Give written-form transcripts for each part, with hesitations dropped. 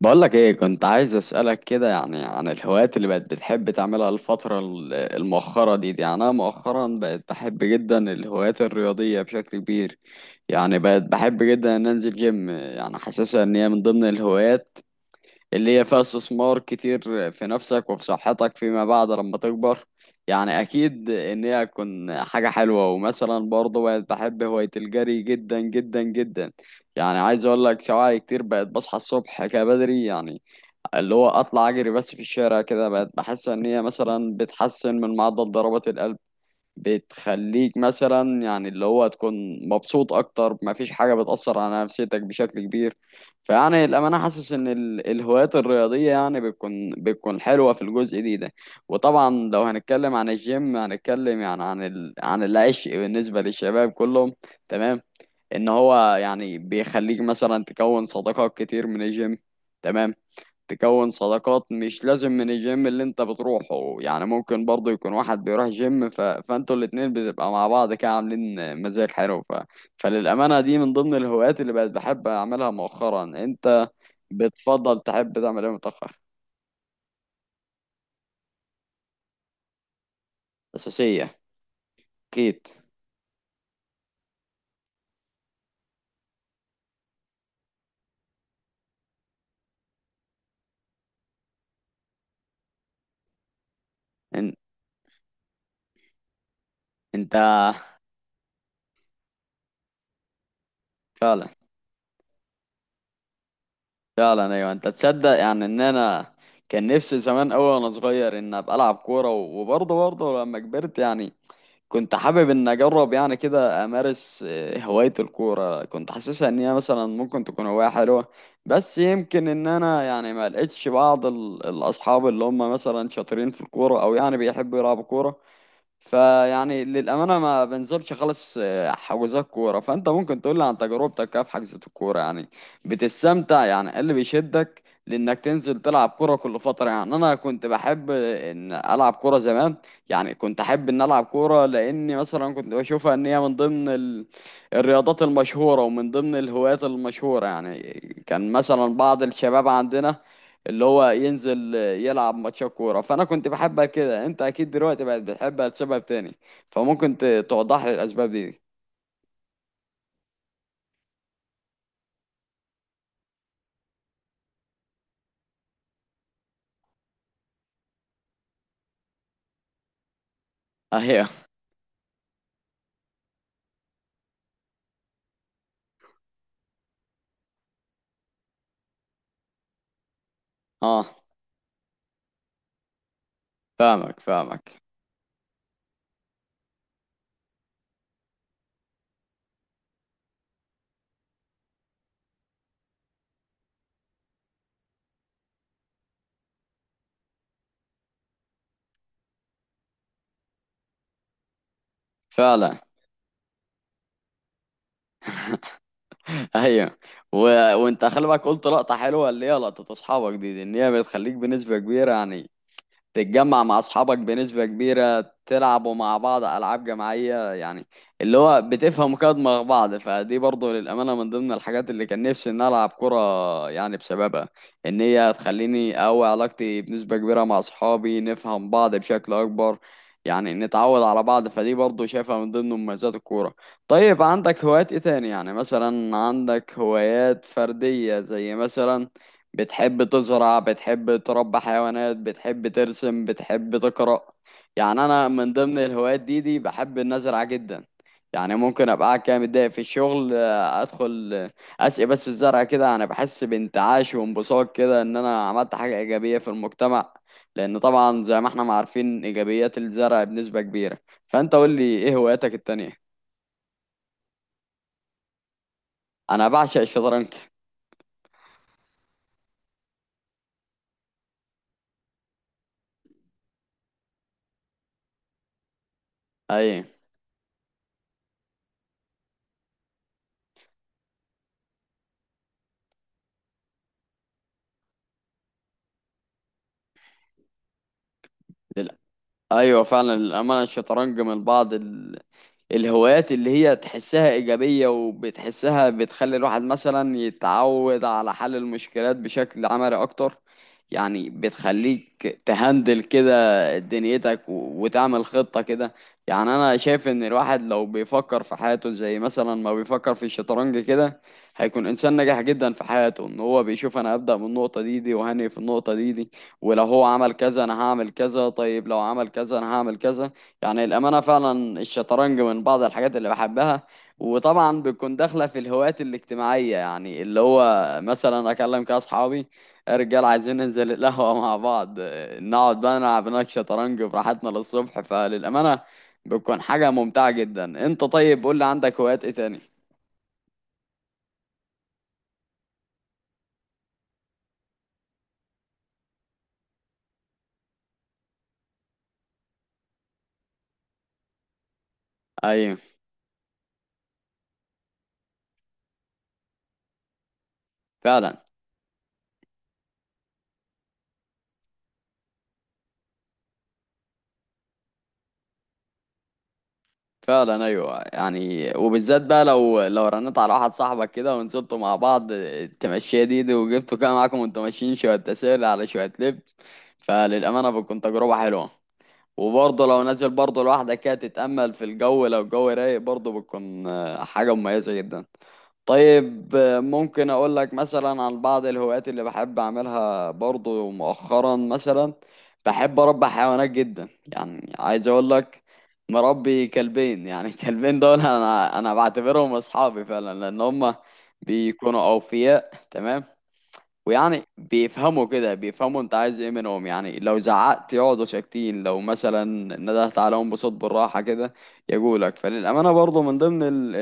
بقولك ايه، كنت عايز اسألك كده يعني عن الهوايات اللي بقت بتحب تعملها الفترة المؤخرة دي. يعني انا مؤخرا بقت بحب جدا الهوايات الرياضية بشكل كبير. يعني بقت بحب جدا ان انزل جيم، يعني حاسسها ان هي من ضمن الهوايات اللي هي فيها استثمار كتير في نفسك وفي صحتك فيما بعد لما تكبر. يعني اكيد ان هي هتكون حاجة حلوة، ومثلا برضه بقت بحب هواية الجري جدا جدا جدا. يعني عايز اقول لك، سواعي كتير بقت بصحى الصبح كده بدري، يعني اللي هو اطلع اجري بس في الشارع كده، بقت بحس ان هي مثلا بتحسن من معدل ضربات القلب. بتخليك مثلا يعني اللي هو تكون مبسوط اكتر، مفيش حاجة بتأثر على نفسيتك بشكل كبير. فيعني الامانة حاسس ان الهوايات الرياضية يعني بتكون حلوة في الجزء دي ده. وطبعا لو هنتكلم عن الجيم هنتكلم يعني عن عن العشق بالنسبة للشباب كلهم. تمام. ان هو يعني بيخليك مثلا تكون صداقات كتير من الجيم. تمام. تكون صداقات مش لازم من الجيم اللي انت بتروحه، يعني ممكن برضه يكون واحد بيروح جيم، فانتوا الاتنين بتبقى مع بعض كده عاملين مزاج حلو. فللأمانة، دي من ضمن الهوايات اللي بقت بحب أعملها مؤخرا. انت بتفضل تحب تعمل ايه متأخر؟ أساسية. أكيد. ان... انت. فعلا. فعلا، ايوه. انت تصدق يعني ان انا كان نفسي زمان قوي وانا صغير ان ابقى العب كوره، وبرضه لما كبرت يعني. كنت حابب ان اجرب يعني كده امارس هواية الكورة. كنت حاسسها ان هي مثلا ممكن تكون هواية حلوة. بس يمكن ان انا يعني ما لقيتش بعض الاصحاب اللي هم مثلا شاطرين في الكورة، او يعني بيحبوا يلعبوا كورة. فيعني للأمانة ما بنزلش خالص حجوزات كورة. فأنت ممكن تقول لي عن تجربتك كده في حجزة الكورة، يعني بتستمتع؟ يعني إيه اللي بيشدك لإنك تنزل تلعب كورة كل فترة؟ يعني أنا كنت بحب إن ألعب كورة زمان. يعني كنت أحب إن ألعب كورة لأني مثلا كنت بشوفها إن هي من ضمن الرياضات المشهورة، ومن ضمن الهوايات المشهورة يعني. كان مثلا بعض الشباب عندنا اللي هو ينزل يلعب ماتشات كورة، فأنا كنت بحبها كده. أنت أكيد دلوقتي بقت بتحبها لسبب تاني. فممكن توضح لي الأسباب دي. أهي. أه. فاهمك فاهمك. فعلا. أهي. و... وأنت خلي بالك، قلت لقطة حلوة اللي هي لقطة أصحابك دي، إن هي بتخليك بنسبة كبيرة، يعني تتجمع مع اصحابك بنسبة كبيرة، تلعبوا مع بعض العاب جماعية، يعني اللي هو بتفهموا كده دماغ بعض. فدي برضو للأمانة من ضمن الحاجات اللي كان نفسي ان العب كرة يعني بسببها، ان هي تخليني اقوي علاقتي بنسبة كبيرة مع اصحابي، نفهم بعض بشكل اكبر، يعني نتعود على بعض. فدي برضو شايفها من ضمن مميزات الكورة. طيب، عندك هوايات ايه تاني؟ يعني مثلا عندك هوايات فردية، زي مثلا بتحب تزرع، بتحب تربي حيوانات، بتحب ترسم، بتحب تقرأ؟ يعني انا من ضمن الهوايات دي بحب النزرعة جدا. يعني ممكن ابقى قاعد كده متضايق في الشغل، ادخل اسقي بس الزرع كده، انا بحس بانتعاش وانبساط كده ان انا عملت حاجة ايجابية في المجتمع. لان طبعا زي ما احنا ما عارفين ايجابيات الزرع بنسبة كبيرة. فانت قول لي ايه هواياتك التانية؟ انا بعشق الشطرنج. اي. لل- ايوه، فعلا، للامانه الشطرنج من بعض الهوايات اللي هي تحسها إيجابية، وبتحسها بتخلي الواحد مثلا يتعود على حل المشكلات بشكل عملي أكتر. يعني بتخليك تهندل كده دنيتك و- وتعمل خطة كده. يعني أنا شايف إن الواحد لو بيفكر في حياته زي مثلا ما بيفكر في الشطرنج كده، هيكون إنسان ناجح جدا في حياته. إن هو بيشوف أنا هبدأ من النقطة دي، وهني في النقطة دي. ولو هو عمل كذا أنا هعمل كذا، طيب لو عمل كذا أنا هعمل كذا. يعني الأمانة فعلا الشطرنج من بعض الحاجات اللي بحبها. وطبعا بتكون داخلة في الهوايات الاجتماعية، يعني اللي هو مثلا أكلم كده أصحابي رجال عايزين ننزل القهوة مع بعض، نقعد بقى نلعب هناك شطرنج براحتنا للصبح. فللأمانة بتكون حاجة ممتعة جدا. أنت طيب قول لي، عندك هوايات إيه تاني؟ أيوه. فعلا. فعلا، ايوه، يعني وبالذات بقى لو رنيت على واحد صاحبك كده ونزلتوا مع بعض تمشيه دي، وجبتوا كده معاكم وانتوا ماشيين شويه تسالي على شويه لب، فللامانه بتكون تجربه حلوه. وبرضه لو نازل برضه لوحدك كده تتامل في الجو، لو الجو رايق برضه بتكون حاجه مميزه جدا. طيب، ممكن اقول لك مثلا عن بعض الهوايات اللي بحب اعملها برضو مؤخرا. مثلا بحب اربي حيوانات جدا، يعني عايز اقول لك مربي كلبين يعني. الكلبين دول انا بعتبرهم اصحابي فعلا، لان هم بيكونوا اوفياء، تمام. ويعني بيفهموا كده، بيفهموا انت عايز ايه منهم، يعني لو زعقت يقعدوا ساكتين، لو مثلا ندهت عليهم بصوت بالراحة كده يقولك. فللأمانة برضو من ضمن ال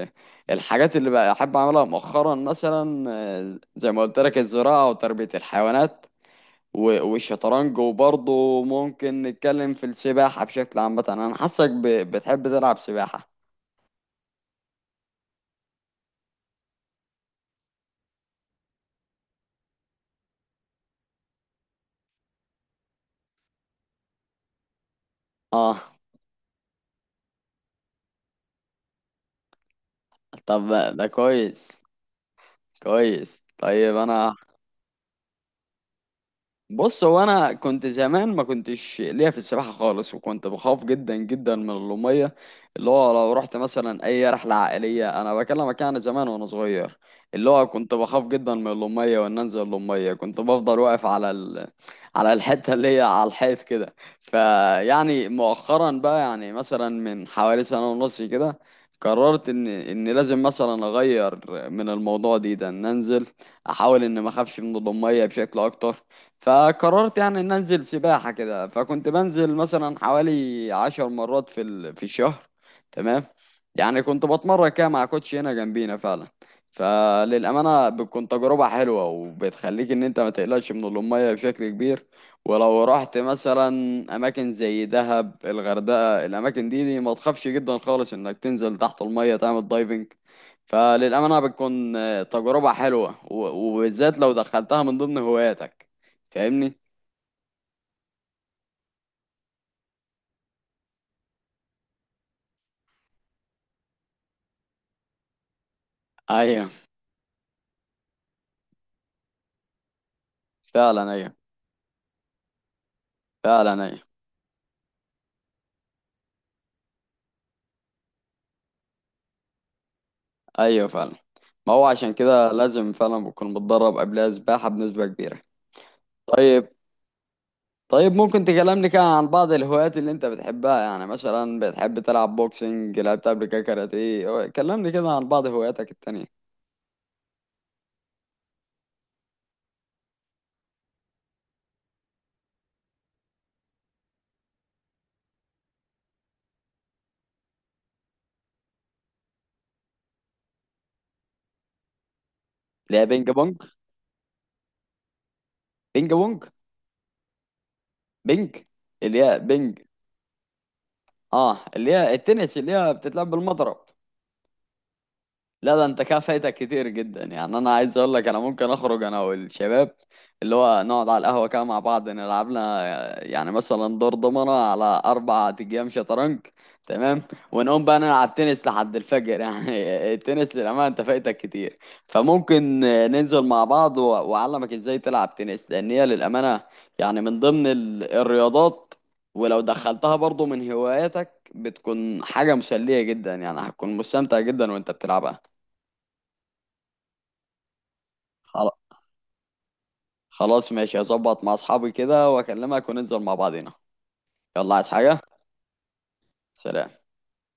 ال الحاجات اللي بحب أعملها مؤخرا، مثلا زي ما قلت لك الزراعة وتربية الحيوانات و- والشطرنج، وبرضه ممكن نتكلم في السباحة بشكل عام. مثلا أنا حاسك ب- بتحب تلعب سباحة. اه. طب، ده كويس. كويس. طيب انا، بص هو انا كنت زمان ما كنتش ليا في السباحه خالص، وكنت بخاف جدا جدا من الميه. اللي هو لو رحت مثلا اي رحله عائليه، انا بكلمك يعني زمان وانا صغير، اللي هو كنت بخاف جدا من الميه، وان انزل الميه كنت بفضل واقف على الحته اللي هي على الحيط كده. فيعني مؤخرا بقى يعني مثلا من حوالي سنه ونص كده قررت ان لازم مثلا اغير من الموضوع دي ده، ان انزل احاول ان ما اخافش من الميه بشكل اكتر. فقررت يعني ان انزل سباحة كده، فكنت بنزل مثلا حوالي 10 مرات في الشهر. تمام. يعني كنت بتمرن كده مع كوتش هنا جنبينا فعلا. فللأمانة بتكون تجربة حلوة، وبتخليك ان انت ما تقلقش من المية بشكل كبير. ولو رحت مثلا اماكن زي دهب، الغردقة، الاماكن دي ما تخافش جدا خالص انك تنزل تحت المية تعمل دايفنج. فللأمانة بتكون تجربة حلوة و- وبالذات لو دخلتها من ضمن هواياتك. فاهمني؟ ايوه، فعلا. ايوه، فعلا. ايوه. ايوه، فعلا، ما هو عشان كده لازم فعلا بكون متدرب قبلها سباحة بنسبة كبيرة. طيب، طيب. ممكن تكلمني كده عن بعض الهوايات اللي انت بتحبها؟ يعني مثلا بتحب تلعب بوكسنج، لعبت قبل كده كاراتيه؟ كلمني كده عن بعض هواياتك التانية. اللي هي بينج بونج. بينج بونج. بينج. اللي هي بينج. اه، اللي هي التنس، اللي هي بتتلعب بالمضرب. لا، ده انت كده فايتك كتير جدا. يعني انا عايز اقول لك، انا ممكن اخرج انا والشباب، اللي هو نقعد على القهوه كده مع بعض، نلعب لنا يعني مثلا دور ضمنه على 4 ايام شطرنج، تمام، ونقوم بقى نلعب تنس لحد الفجر. يعني التنس للامانه انت فايتك كتير. فممكن ننزل مع بعض و- واعلمك ازاي تلعب تنس، لان هي للامانه يعني من ضمن الرياضات. ولو دخلتها برضو من هواياتك بتكون حاجة مسلية جدا، يعني هتكون مستمتع جدا وانت بتلعبها. خل- خلاص، ماشي، هظبط مع اصحابي كده واكلمك وننزل مع بعضينا. يلا، عايز حاجة؟ سلام.